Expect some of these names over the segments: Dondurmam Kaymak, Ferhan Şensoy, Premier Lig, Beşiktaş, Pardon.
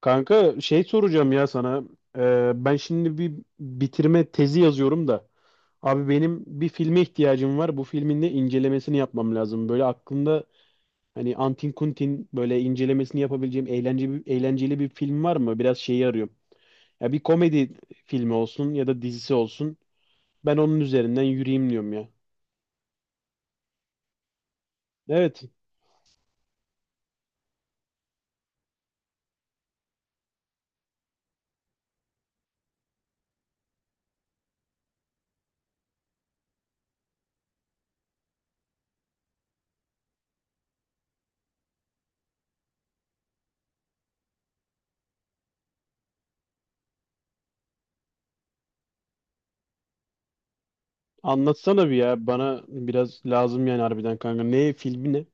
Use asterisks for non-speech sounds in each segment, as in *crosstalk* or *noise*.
Kanka şey soracağım ya sana. Ben şimdi bir bitirme tezi yazıyorum da. Abi benim bir filme ihtiyacım var. Bu filmin de incelemesini yapmam lazım. Böyle aklımda hani Antin Kuntin böyle incelemesini yapabileceğim eğlenceli, eğlenceli bir film var mı? Biraz şeyi arıyorum. Ya bir komedi filmi olsun ya da dizisi olsun. Ben onun üzerinden yürüyeyim diyorum ya. Evet, anlatsana bir ya. Bana biraz lazım yani harbiden kanka. Ne filmi ne?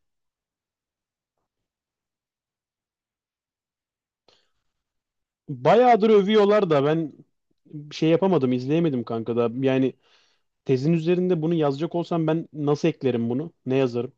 Bayağıdır övüyorlar da ben bir şey yapamadım, izleyemedim kanka da. Yani tezin üzerinde bunu yazacak olsam ben nasıl eklerim bunu? Ne yazarım?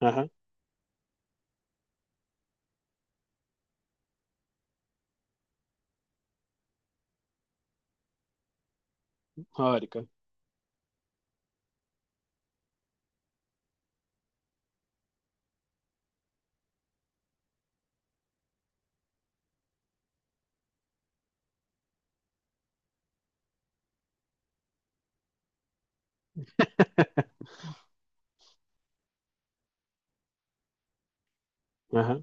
Aha, harika. Aha,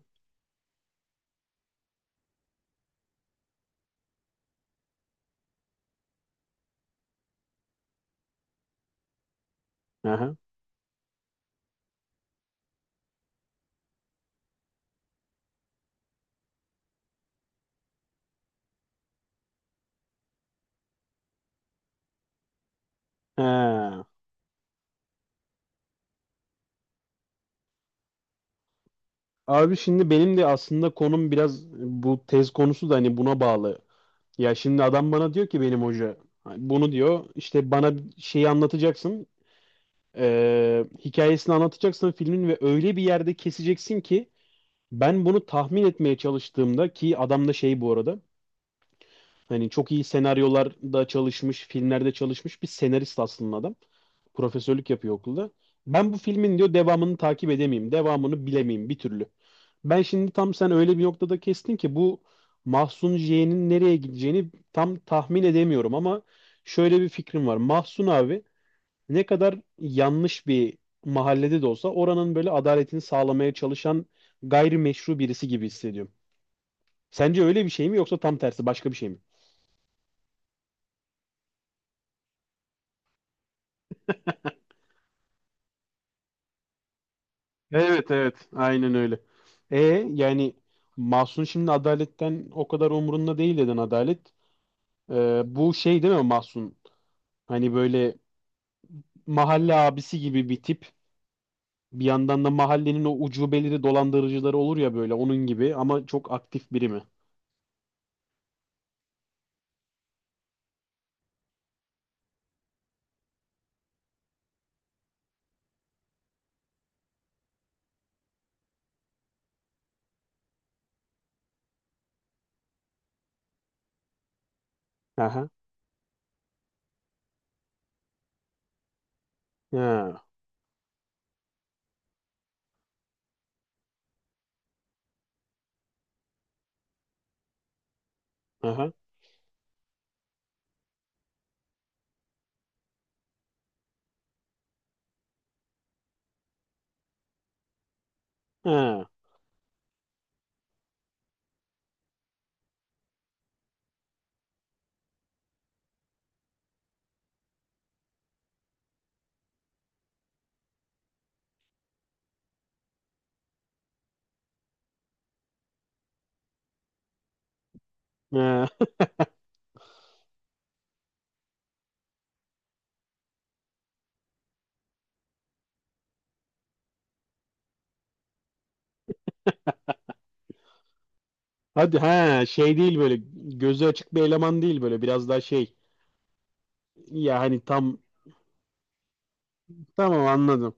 aha. Ha. Abi şimdi benim de aslında konum biraz bu tez konusu da hani buna bağlı. Ya şimdi adam bana diyor ki benim hoca hani bunu diyor işte bana şeyi anlatacaksın hikayesini anlatacaksın filmin ve öyle bir yerde keseceksin ki ben bunu tahmin etmeye çalıştığımda ki adam da şey bu arada hani çok iyi senaryolarda çalışmış, filmlerde çalışmış bir senarist aslında adam. Profesörlük yapıyor okulda. Ben bu filmin diyor devamını takip edemeyeyim, devamını bilemeyeyim bir türlü. Ben şimdi tam sen öyle bir noktada kestin ki bu Mahsun J'nin nereye gideceğini tam tahmin edemiyorum ama şöyle bir fikrim var. Mahsun abi ne kadar yanlış bir mahallede de olsa oranın böyle adaletini sağlamaya çalışan gayrimeşru birisi gibi hissediyorum. Sence öyle bir şey mi yoksa tam tersi başka bir şey mi? Evet evet, aynen öyle. E yani Mahsun şimdi adaletten o kadar umurunda değil dedin adalet. Bu şey değil mi Mahsun? Hani böyle mahalle abisi gibi bir tip. Bir yandan da mahallenin o ucubeleri dolandırıcıları olur ya böyle onun gibi ama çok aktif biri mi? Aha. Ha. Aha. Ha. Ha. *laughs* Hadi ha şey değil böyle gözü açık bir eleman değil böyle biraz daha şey. Ya hani tam tamam anladım.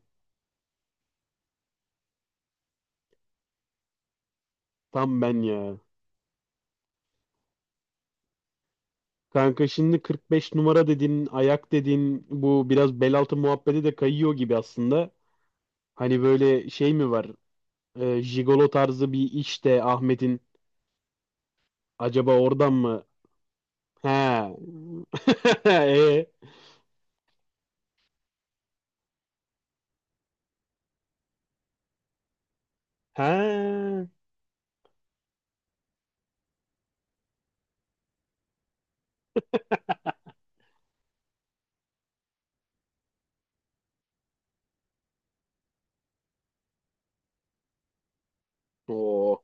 Tam ben ya. Kanka şimdi 45 numara dediğin, ayak dediğin bu biraz bel altı muhabbeti de kayıyor gibi aslında. Hani böyle şey mi var? Jigolo tarzı bir iş de Ahmet'in acaba oradan mı? He. *laughs* e, he. Oo.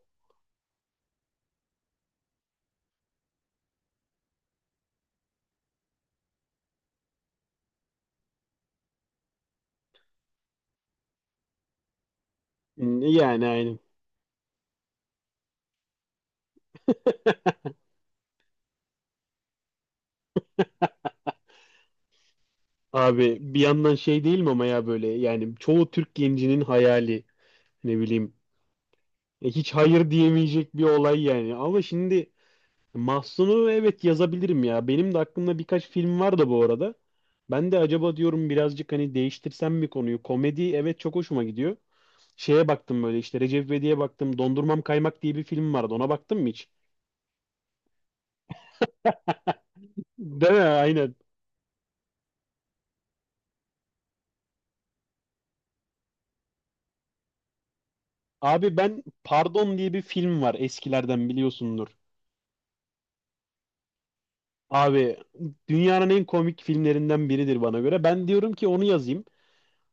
Yani aynen. Abi bir yandan şey değil mi ama ya böyle yani çoğu Türk gencinin hayali ne bileyim. E, hiç hayır diyemeyecek bir olay yani. Ama şimdi Mahsun'u evet yazabilirim ya. Benim de aklımda birkaç film var da bu arada. Ben de acaba diyorum birazcık hani değiştirsem mi konuyu? Komedi evet çok hoşuma gidiyor. Şeye baktım böyle işte Recep İvedik'e baktım. Dondurmam Kaymak diye bir film vardı. Ona baktın mı hiç? Değil mi? Aynen. Abi ben Pardon diye bir film var eskilerden biliyorsundur. Abi dünyanın en komik filmlerinden biridir bana göre. Ben diyorum ki onu yazayım.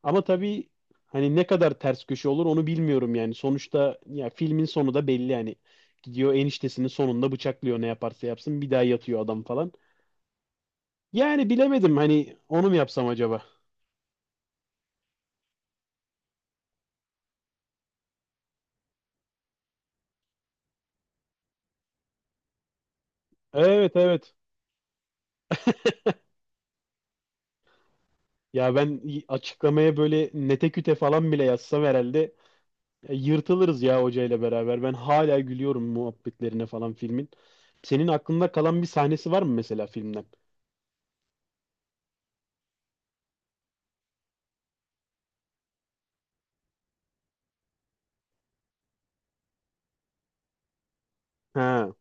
Ama tabii hani ne kadar ters köşe olur onu bilmiyorum yani. Sonuçta ya filmin sonu da belli yani. Gidiyor eniştesinin sonunda bıçaklıyor ne yaparsa yapsın bir daha yatıyor adam falan. Yani bilemedim hani onu mu yapsam acaba? Evet, evet. Ya ben açıklamaya böyle nete küte falan bile yazsam herhalde yırtılırız ya hocayla beraber. Ben hala gülüyorum muhabbetlerine falan filmin. Senin aklında kalan bir sahnesi var mı mesela filmden? Ha.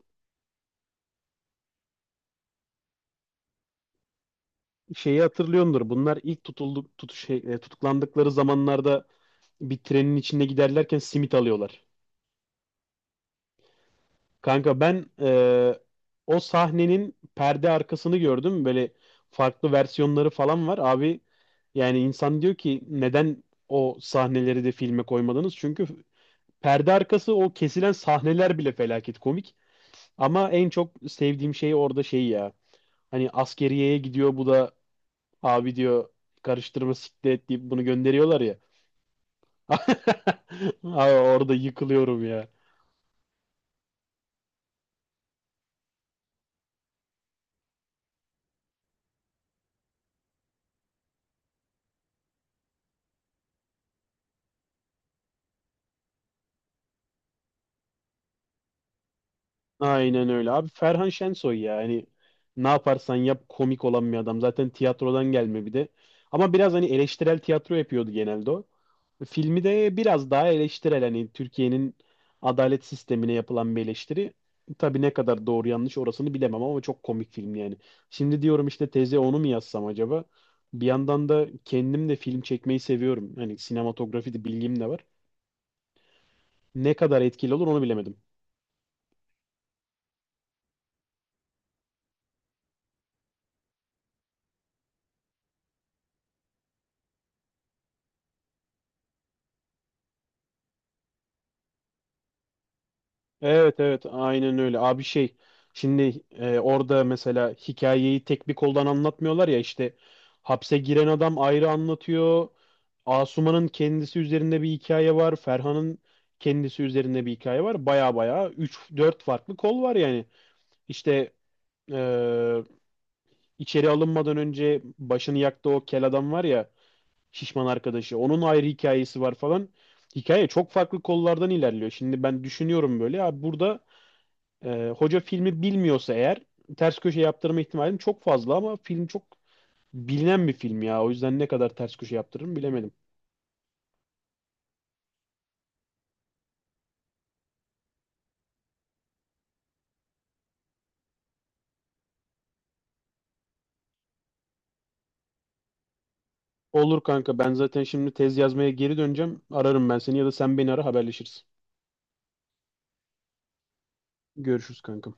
Şeyi hatırlıyordur. Bunlar ilk tutulduk, tut, şey, e, tutuklandıkları zamanlarda bir trenin içinde giderlerken simit alıyorlar. Kanka ben o sahnenin perde arkasını gördüm. Böyle farklı versiyonları falan var. Abi yani insan diyor ki neden o sahneleri de filme koymadınız? Çünkü perde arkası o kesilen sahneler bile felaket komik. Ama en çok sevdiğim şey orada şey ya. Hani askeriyeye gidiyor bu da abi diyor karıştırma siklet deyip bunu gönderiyorlar ya. *laughs* Abi orada yıkılıyorum ya. Aynen öyle. Abi Ferhan Şensoy ya. Hani ne yaparsan yap komik olan bir adam. Zaten tiyatrodan gelme bir de. Ama biraz hani eleştirel tiyatro yapıyordu genelde o. Filmi de biraz daha eleştirel. Hani Türkiye'nin adalet sistemine yapılan bir eleştiri. Tabii ne kadar doğru yanlış orasını bilemem ama çok komik film yani. Şimdi diyorum işte teze onu mu yazsam acaba? Bir yandan da kendim de film çekmeyi seviyorum. Hani sinematografi de bilgim de var. Ne kadar etkili olur onu bilemedim. Evet evet, aynen öyle. Abi şey şimdi orada mesela hikayeyi tek bir koldan anlatmıyorlar ya işte hapse giren adam ayrı anlatıyor. Asuman'ın kendisi üzerinde bir hikaye var. Ferhan'ın kendisi üzerinde bir hikaye var. Baya baya 3 4 farklı kol var yani. İşte e, İçeri alınmadan önce başını yaktı o kel adam var ya şişman arkadaşı. Onun ayrı hikayesi var falan. Hikaye çok farklı kollardan ilerliyor. Şimdi ben düşünüyorum böyle. Abi burada hoca filmi bilmiyorsa eğer ters köşe yaptırma ihtimalim çok fazla ama film çok bilinen bir film ya. O yüzden ne kadar ters köşe yaptırırım bilemedim. Olur kanka, ben zaten şimdi tez yazmaya geri döneceğim. Ararım ben seni ya da sen beni ara haberleşiriz. Görüşürüz kanka.